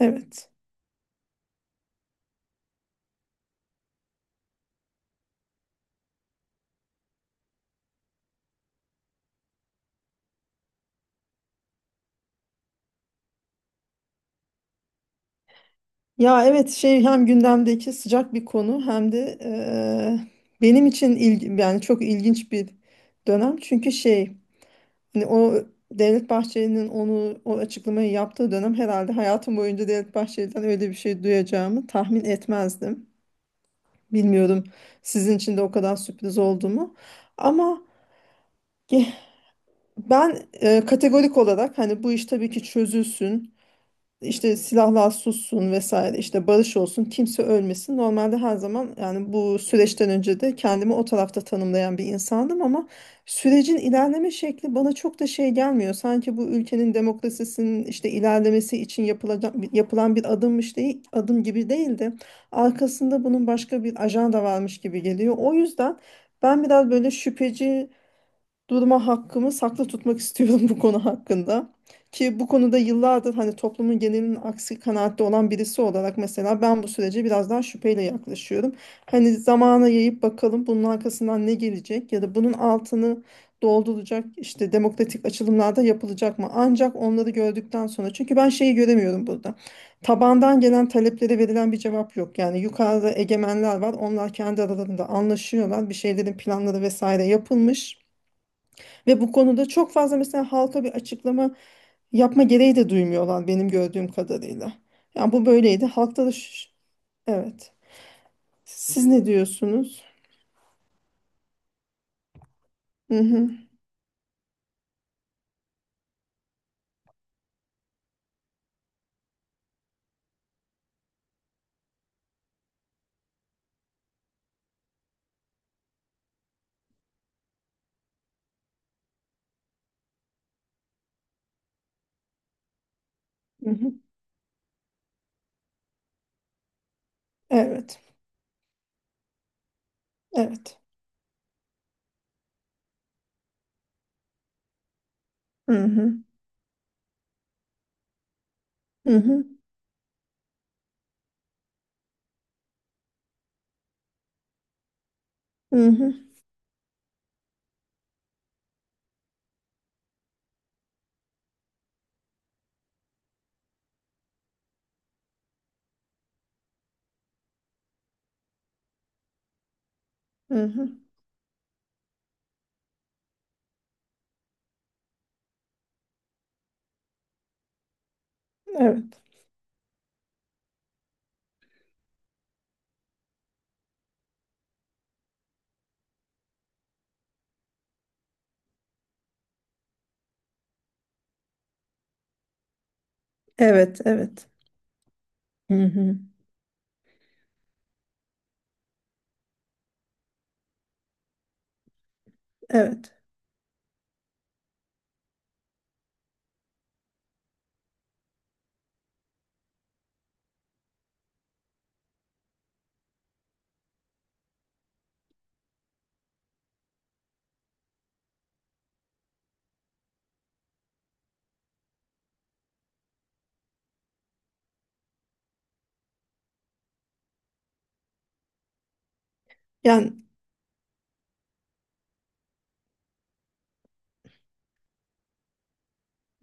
Evet. Ya evet hem gündemdeki sıcak bir konu hem de benim için yani çok ilginç bir dönem. Çünkü hani o Devlet Bahçeli'nin o açıklamayı yaptığı dönem herhalde hayatım boyunca Devlet Bahçeli'den öyle bir şey duyacağımı tahmin etmezdim. Bilmiyorum sizin için de o kadar sürpriz oldu mu? Ama ge- ben kategorik olarak hani bu iş tabii ki çözülsün. İşte silahlar sussun vesaire işte barış olsun kimse ölmesin. Normalde her zaman yani bu süreçten önce de kendimi o tarafta tanımlayan bir insandım ama sürecin ilerleme şekli bana çok da şey gelmiyor. Sanki bu ülkenin demokrasisinin işte ilerlemesi için yapılan bir adımmış değil, adım gibi değil de arkasında bunun başka bir ajanda varmış gibi geliyor. O yüzden ben biraz böyle şüpheci durma hakkımı saklı tutmak istiyorum bu konu hakkında. Ki bu konuda yıllardır hani toplumun genelinin aksi kanaatte olan birisi olarak mesela ben bu sürece biraz daha şüpheyle yaklaşıyorum. Hani zamana yayıp bakalım bunun arkasından ne gelecek ya da bunun altını dolduracak işte demokratik açılımlarda yapılacak mı? Ancak onları gördükten sonra çünkü ben şeyi göremiyorum burada. Tabandan gelen taleplere verilen bir cevap yok. Yani yukarıda egemenler var. Onlar kendi aralarında anlaşıyorlar. Bir şeylerin planları vesaire yapılmış. Ve bu konuda çok fazla mesela halka bir açıklama yapma gereği de duymuyorlar benim gördüğüm kadarıyla. Yani bu böyleydi. Halkta da evet. Siz ne diyorsunuz? Hı hı, hı hı. Evet. Evet. Hı hı, hı hı, hı hı, hı hı. Evet. Evet, evet. Hı hı. Evet. Yani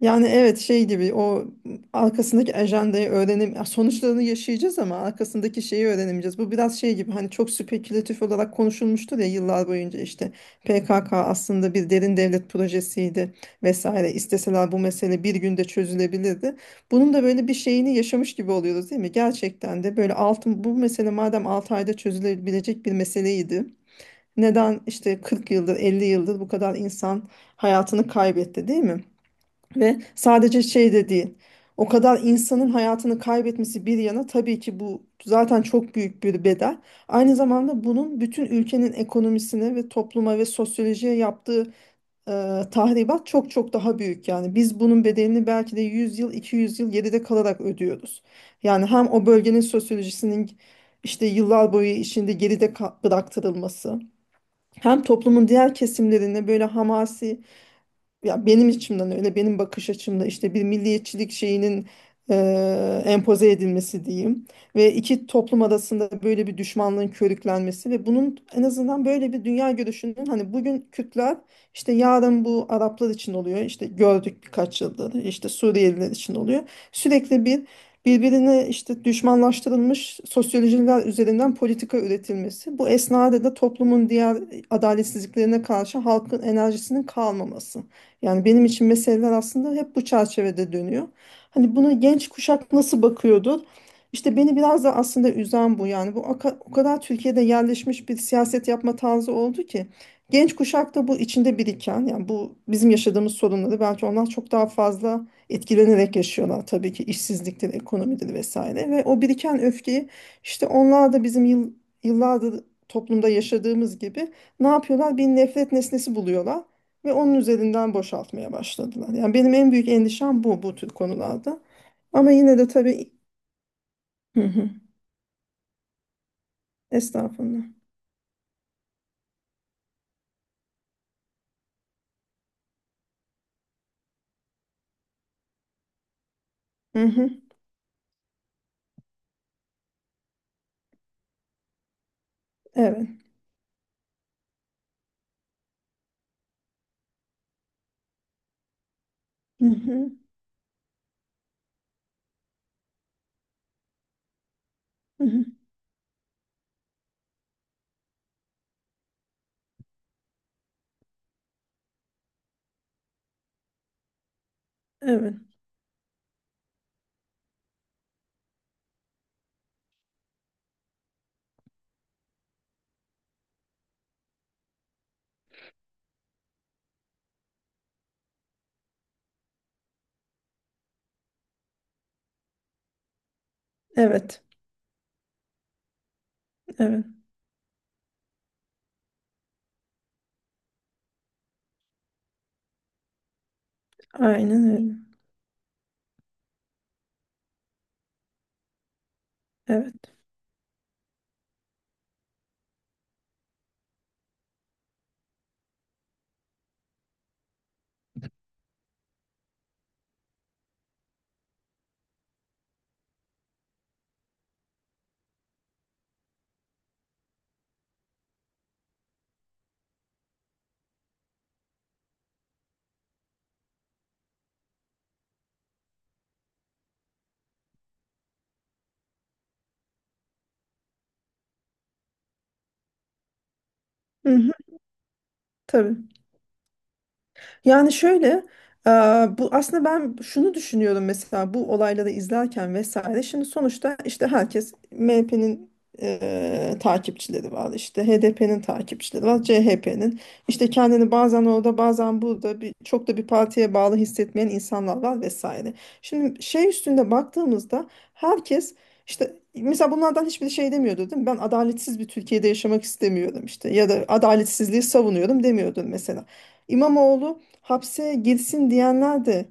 Yani evet şey gibi o arkasındaki ajandayı öğrenim sonuçlarını yaşayacağız ama arkasındaki şeyi öğrenemeyeceğiz. Bu biraz şey gibi hani çok spekülatif olarak konuşulmuştur ya yıllar boyunca işte PKK aslında bir derin devlet projesiydi vesaire. İsteseler bu mesele bir günde çözülebilirdi. Bunun da böyle bir şeyini yaşamış gibi oluyoruz değil mi? Gerçekten de böyle altın bu mesele madem 6 ayda çözülebilecek bir meseleydi. Neden işte 40 yıldır 50 yıldır bu kadar insan hayatını kaybetti değil mi? Ve sadece şey de değil. O kadar insanın hayatını kaybetmesi bir yana tabii ki bu zaten çok büyük bir bedel. Aynı zamanda bunun bütün ülkenin ekonomisine ve topluma ve sosyolojiye yaptığı e, tahribat çok çok daha büyük. Yani biz bunun bedelini belki de 100 yıl, 200 yıl geride kalarak ödüyoruz. Yani hem o bölgenin sosyolojisinin işte yıllar boyu içinde geride bıraktırılması, hem toplumun diğer kesimlerine böyle hamasi ya benim içimden öyle benim bakış açımda işte bir milliyetçilik şeyinin empoze edilmesi diyeyim ve iki toplum arasında böyle bir düşmanlığın körüklenmesi ve bunun en azından böyle bir dünya görüşünün hani bugün Kürtler işte yarın bu Araplar için oluyor işte gördük birkaç yıldır işte Suriyeliler için oluyor sürekli bir birbirine işte düşmanlaştırılmış sosyolojiler üzerinden politika üretilmesi bu esnada da toplumun diğer adaletsizliklerine karşı halkın enerjisinin kalmaması. Yani benim için meseleler aslında hep bu çerçevede dönüyor. Hani buna genç kuşak nasıl bakıyordur? İşte beni biraz da aslında üzen bu. Yani bu o kadar Türkiye'de yerleşmiş bir siyaset yapma tarzı oldu ki genç kuşak da bu içinde biriken yani bu bizim yaşadığımız sorunları belki onlar çok daha fazla etkilenerek yaşıyorlar. Tabii ki işsizliktir, ekonomidir vesaire ve o biriken öfkeyi işte onlar da bizim yıllardır toplumda yaşadığımız gibi ne yapıyorlar? Bir nefret nesnesi buluyorlar. Ve onun üzerinden boşaltmaya başladılar. Yani benim en büyük endişem bu, bu tür konularda. Ama yine de tabii hı hı, estağfurullah. Hı hı, evet. Hı hı, hı hı, evet. Evet. Evet. Aynen öyle. Evet. Hı hı, tabii. Yani şöyle, e, bu aslında ben şunu düşünüyorum mesela bu olayları izlerken vesaire. Şimdi sonuçta işte herkes MHP'nin takipçileri var, işte HDP'nin takipçileri var, CHP'nin. İşte kendini bazen orada, bazen burada bir, çok da bir partiye bağlı hissetmeyen insanlar var vesaire. Şimdi şey üstünde baktığımızda herkes işte mesela bunlardan hiçbir şey demiyordu değil mi? Ben adaletsiz bir Türkiye'de yaşamak istemiyorum işte ya da adaletsizliği savunuyorum demiyordun mesela. İmamoğlu hapse girsin diyenler de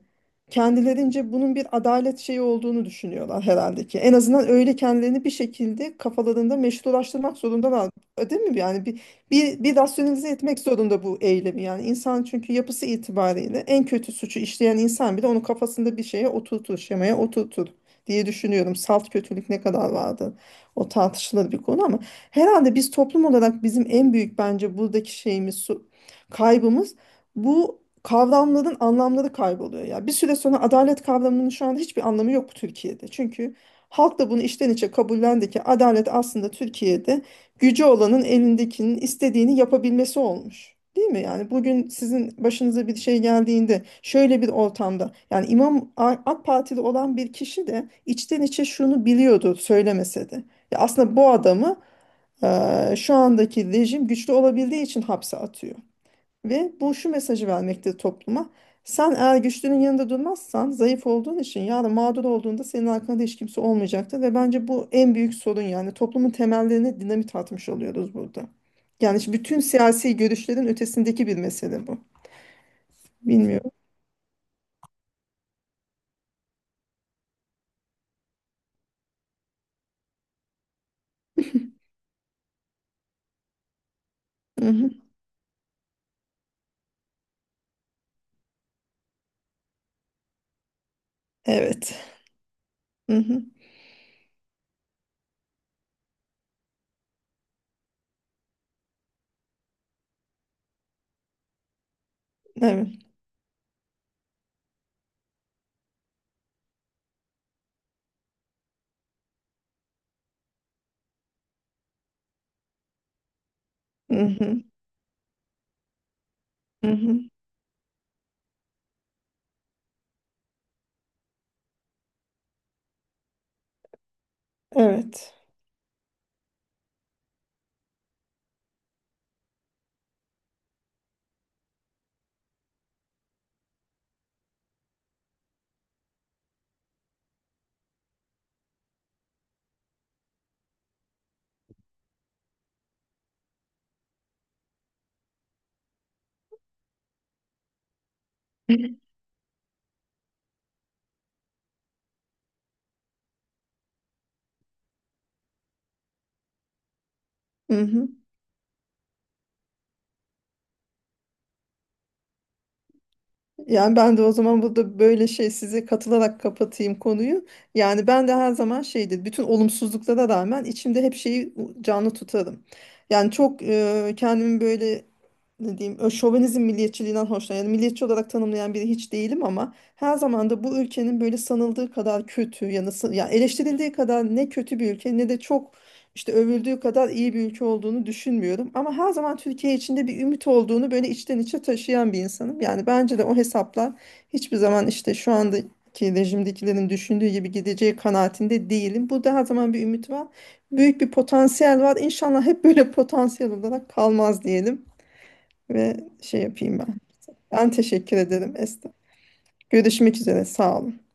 kendilerince bunun bir adalet şeyi olduğunu düşünüyorlar herhalde ki. En azından öyle kendilerini bir şekilde kafalarında meşrulaştırmak zorundalar. Değil mi? Yani bir rasyonelize etmek zorunda bu eylemi. Yani insan çünkü yapısı itibariyle en kötü suçu işleyen insan bile onu kafasında bir şeye oturtur, şemaya oturtur diye düşünüyorum. Salt kötülük ne kadar vardı? O tartışılır bir konu ama herhalde biz toplum olarak bizim en büyük bence buradaki şeyimiz kaybımız bu kavramların anlamları kayboluyor ya. Bir süre sonra adalet kavramının şu anda hiçbir anlamı yok Türkiye'de. Çünkü halk da bunu içten içe kabullendi ki adalet aslında Türkiye'de gücü olanın elindekinin istediğini yapabilmesi olmuş. Değil mi? Yani bugün sizin başınıza bir şey geldiğinde şöyle bir ortamda yani AK Partili olan bir kişi de içten içe şunu biliyordu söylemese de. Ya aslında bu adamı şu andaki rejim güçlü olabildiği için hapse atıyor. Ve bu şu mesajı vermekte topluma. Sen eğer güçlünün yanında durmazsan zayıf olduğun için yarın mağdur olduğunda senin arkanda hiç kimse olmayacaktır. Ve bence bu en büyük sorun yani toplumun temellerine dinamit atmış oluyoruz burada. Yani şimdi bütün siyasi görüşlerin ötesindeki bir mesele bu. Bilmiyorum. Mhm. Evet. Mhm. Evet. Mhm. Mhm. Evet. Mhm. Yani ben de o zaman burada böyle şey size katılarak kapatayım konuyu. Yani ben de her zaman şeydir. Bütün olumsuzluklara rağmen içimde hep şeyi canlı tutarım. Yani çok kendimi böyle ne diyeyim şovenizm milliyetçiliğinden hoşlanıyorum. Yani milliyetçi olarak tanımlayan biri hiç değilim ama her zaman da bu ülkenin böyle sanıldığı kadar kötü yani eleştirildiği kadar ne kötü bir ülke ne de çok işte övüldüğü kadar iyi bir ülke olduğunu düşünmüyorum. Ama her zaman Türkiye içinde bir ümit olduğunu böyle içten içe taşıyan bir insanım. Yani bence de o hesaplar hiçbir zaman işte şu andaki rejimdekilerin düşündüğü gibi gideceği kanaatinde değilim. Burada her zaman bir ümit var. Büyük bir potansiyel var. İnşallah hep böyle potansiyel olarak kalmaz diyelim ve şey yapayım ben. Ben teşekkür ederim Esra. Görüşmek üzere. Sağ olun.